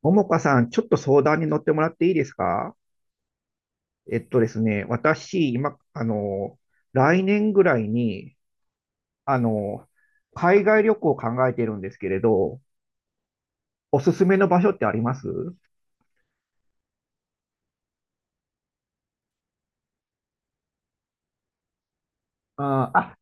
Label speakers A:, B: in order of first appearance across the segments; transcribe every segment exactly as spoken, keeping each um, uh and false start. A: ももかさん、ちょっと相談に乗ってもらっていいですか？えっとですね、私、今、あの、来年ぐらいに、あの、海外旅行を考えてるんですけれど、おすすめの場所ってあります？あー、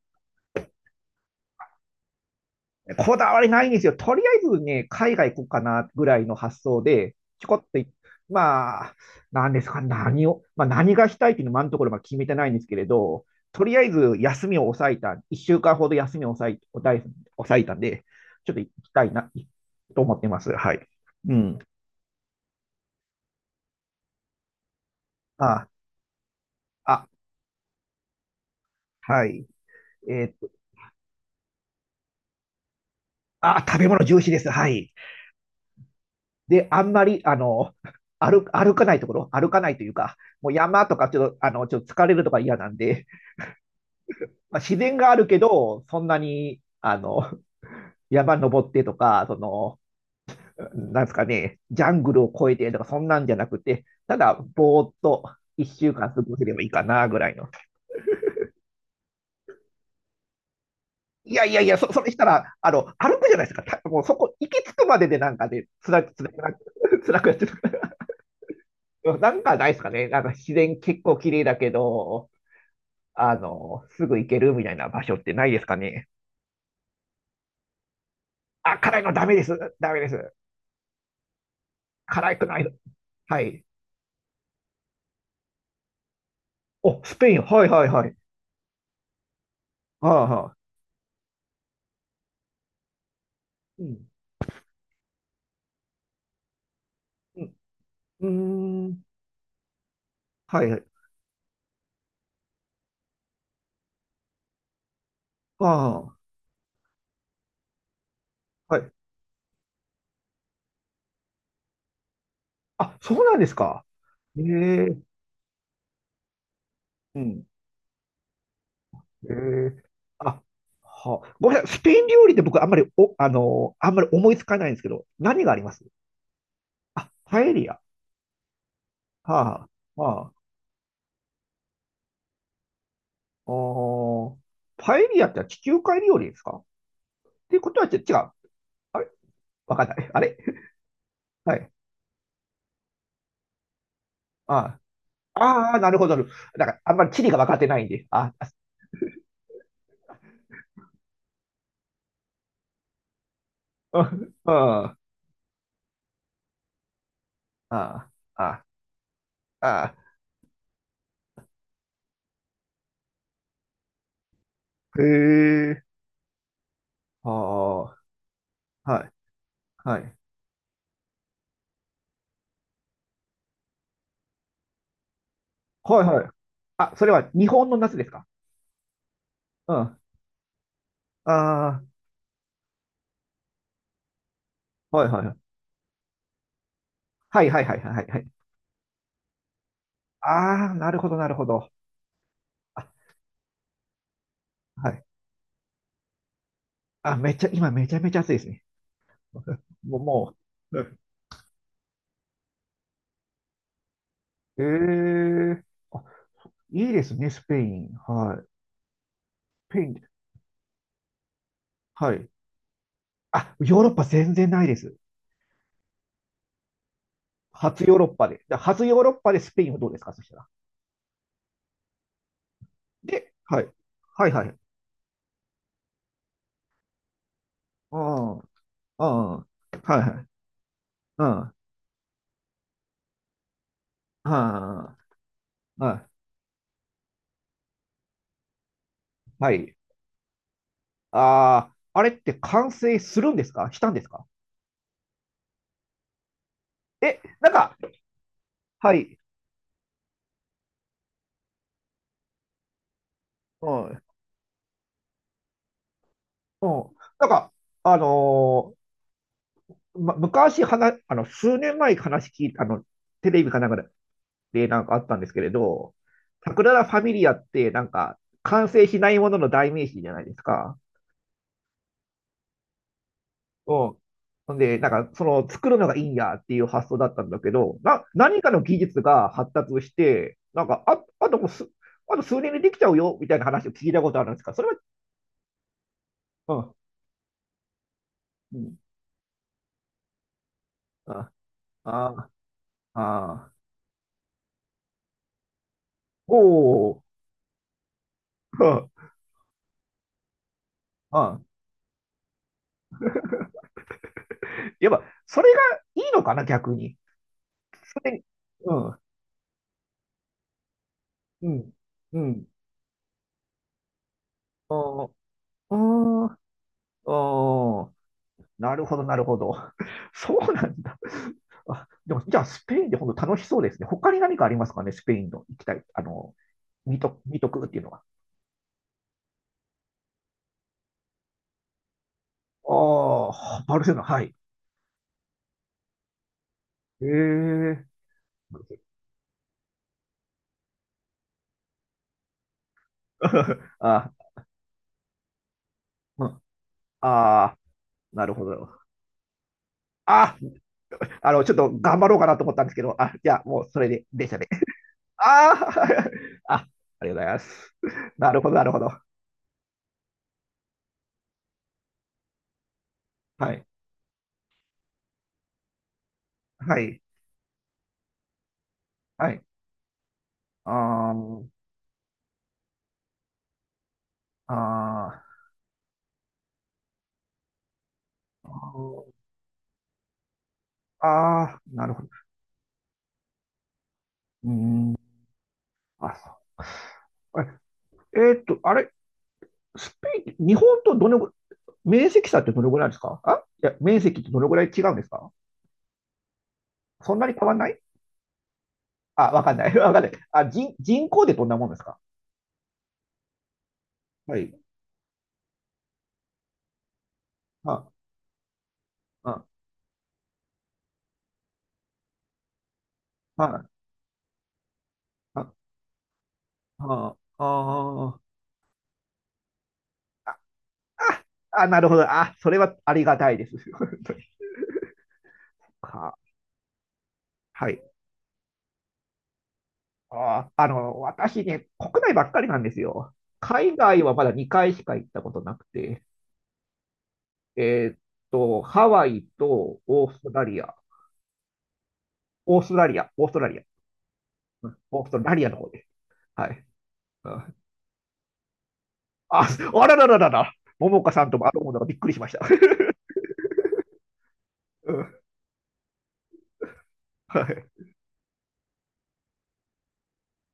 A: こだわりないんですよ。とりあえずね、海外行こうかなぐらいの発想で、ちょこっとい、まあ、何ですか、何を、まあ、何がしたいっていうのは今のところまだ決めてないんですけれど、とりあえず休みを抑えた、いっしゅうかんほど休みを抑え抑え抑えたんで、ちょっと行きたいな、と思ってます。はい。うん。あ、あ、はい。えーっと、あ、食べ物重視です。はい。で、あんまり、あの、歩、歩かないところ、歩かないというか、もう山とかちょっと、あの、ちょっと疲れるとか嫌なんで、まあ、自然があるけど、そんなに、あの、山登ってとか、その、なんですかね、ジャングルを越えてとか、そんなんじゃなくて、ただ、ぼーっと一週間過ごせればいいかな、ぐらいの。いやいやいや、そ、それしたら、あの、歩くじゃないですか。た、もうそこ、行き着くまででなんかね、つら、つら、つらくやってる。なんかないですかね。なんか自然結構綺麗だけど、あの、すぐ行けるみたいな場所ってないですかね。あ、辛いのダメです。ダメです。辛くないの。はい。お、スペイン。はいはいはい。ああ、はあ。うん。うん。うーん。はいはい。ああ、はい。あ、そうなんですか。ええ、うん。ええ。あ、はあ。ごめんなさい。スペイン料理って僕あんまり、お、あのーあんまり思いつかないんですけど、何があります？あ、パエリア。はあ、はあ。おー、パエリアって地中海料理ですかっていうことはち違う。あれわかんない。あれはい。ああ。ああ、なるほど。なるほど。だから、あんまり地理が分かってないんで。あ、うん。うん。ああ、ああ、ああ、へえ、ああ、はい、はい、はい、はい。あ、それは日本の夏ですか？うん。ああ、はい、はい、はい、はい、はい、はい、はい。ああ、なるほど、なるほど。あ、はい。あ、めっちゃ、今めちゃめちゃ暑いですね。もう、もう。ええ、あ、いいですね、スペイン。はい。スペイン、はい。あ、ヨーロッパ全然ないです。初ヨーロッパで。だ、初ヨーロッパでスペインはどうですか、そしたら。で、はい。はい、はい。うん。うん。はいはい。うん。はい。はい。はい。ああ、あれって完成するんですか？したんですか？え、なんか、はい。うん。うん。なんか、あのーま、昔話、あの、数年前に話聞いた、あの、テレビかなんかでなんかあったんですけれど、桜田ファミリアってなんか、完成しないものの代名詞じゃないですか。うん。ほんで、なんか、その、作るのがいいんやっていう発想だったんだけど、な、何かの技術が発達して、なんか、あ、あともうす、あと数年でできちゃうよ、みたいな話を聞いたことあるんですか、それは？うん、うん、あ、あ、あ、おお、うん、うん。やっぱ、それがいいのかな、逆に。それ、うん、うん、うん、ああ、ああ、なるほど、なるほど。そうなんだ。あ、でも、じゃあ、スペインで本当楽しそうですね。他に何かありますかね、スペインの行きたい、あの、見と、見とくっていうのは。ああ、バルセロナ、はい。ええ あ、うん、あー、なるほど。あ、あの、ちょっと頑張ろうかなと思ったんですけど、あ、じゃあ、もうそれで、電車でしたね。あー あ、ありがとうございます。なるほど、なるほど。はい、はい、はい。あー、あー、あー。ああ、なるほど。うーん。あ、そう。え、えーっと、あれ、スペイン、日本とどのぐ、面積差ってどのぐらいですか？あ、いや、面積ってどのぐらい違うんですか？そんなに変わんない。あ、わかんない。わかんない。あ、人、人口でどんなもんですか？はい。あ、あ、あ、あ、あ、あ、あ、あ、なるほど。あ、それはありがたいです。本当にか、はい。あ、あの、私ね、国内ばっかりなんですよ。海外はまだにかいしか行ったことなくて。えーっと、ハワイとオーストラリア、オーストラリア、オーストラリア、うん、オーストラリアの方で。はい。うん、あ、あららららら、桃岡さんともあのものがびっくりしました。うん、はい。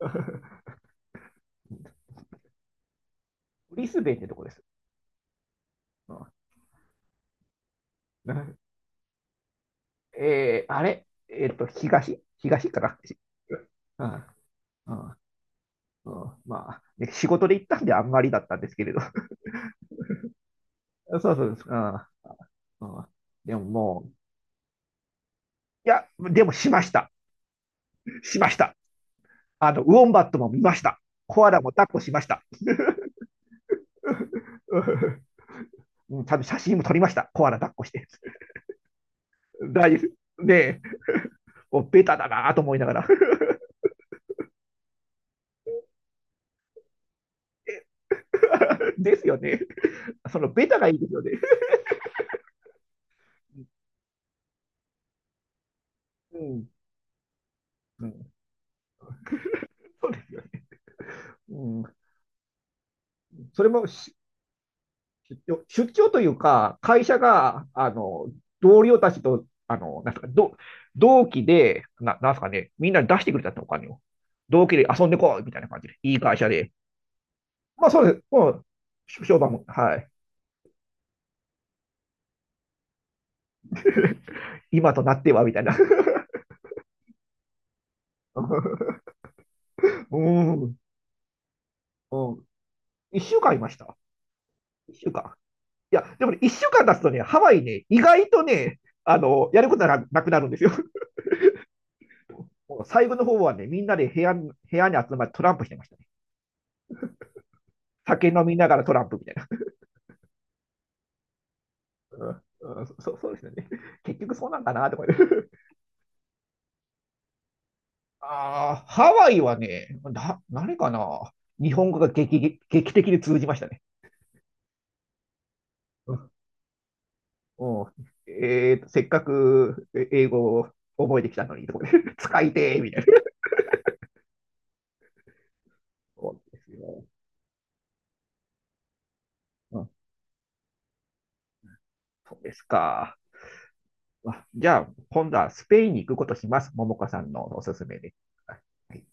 A: ブリスベンってとこです。うん、えー、あれ、えーっと、東、東かな。うん、うん、うん、まあ、ね、仕事で行ったんであんまりだったんですけれど。そうそうです。うん、うん、でももう、いや、でもしました。しました。あの、ウォンバットも見ました。コアラも抱っこしました。うん、ちゃんと写真も撮りました。コアラ抱っこして。大丈夫ね。え、もうベタだなと思いながら。ですよね。そのベタがいいですよね。うん、うん、そうですよね。うん、それもし出張というか、会社が、あの、同僚たちと、あの、なんすか、ど、同期で、な、なんすかね、みんな出してくれたって、お金を。同期で遊んでこうみたいな感じで、いい会社で。まあそうです。もう、商売も、はい。今となっては、みたいな うん。うん。一週間いました。一週間。いや、でもね、一週間経つとね、ハワイね、意外とね、あの、やることがなくなるんですよ。もう最後の方はね、みんなで部屋に、部屋に集まってトランプしてましたね。酒飲みながらトランプみたいな。うん、うん、そ、そうですね。結局そうなんかなとかって ああ、ハワイはね、な、何かな。日本語が劇、劇的に通じましたね。うん、うん、えーと、せっかくえ英語を覚えてきたのに、とかね 使いてーみたいな。そうですよ。うん、そうですか。まあじゃあ、今度はスペインに行くことします。ももかさんのおすすめで。はい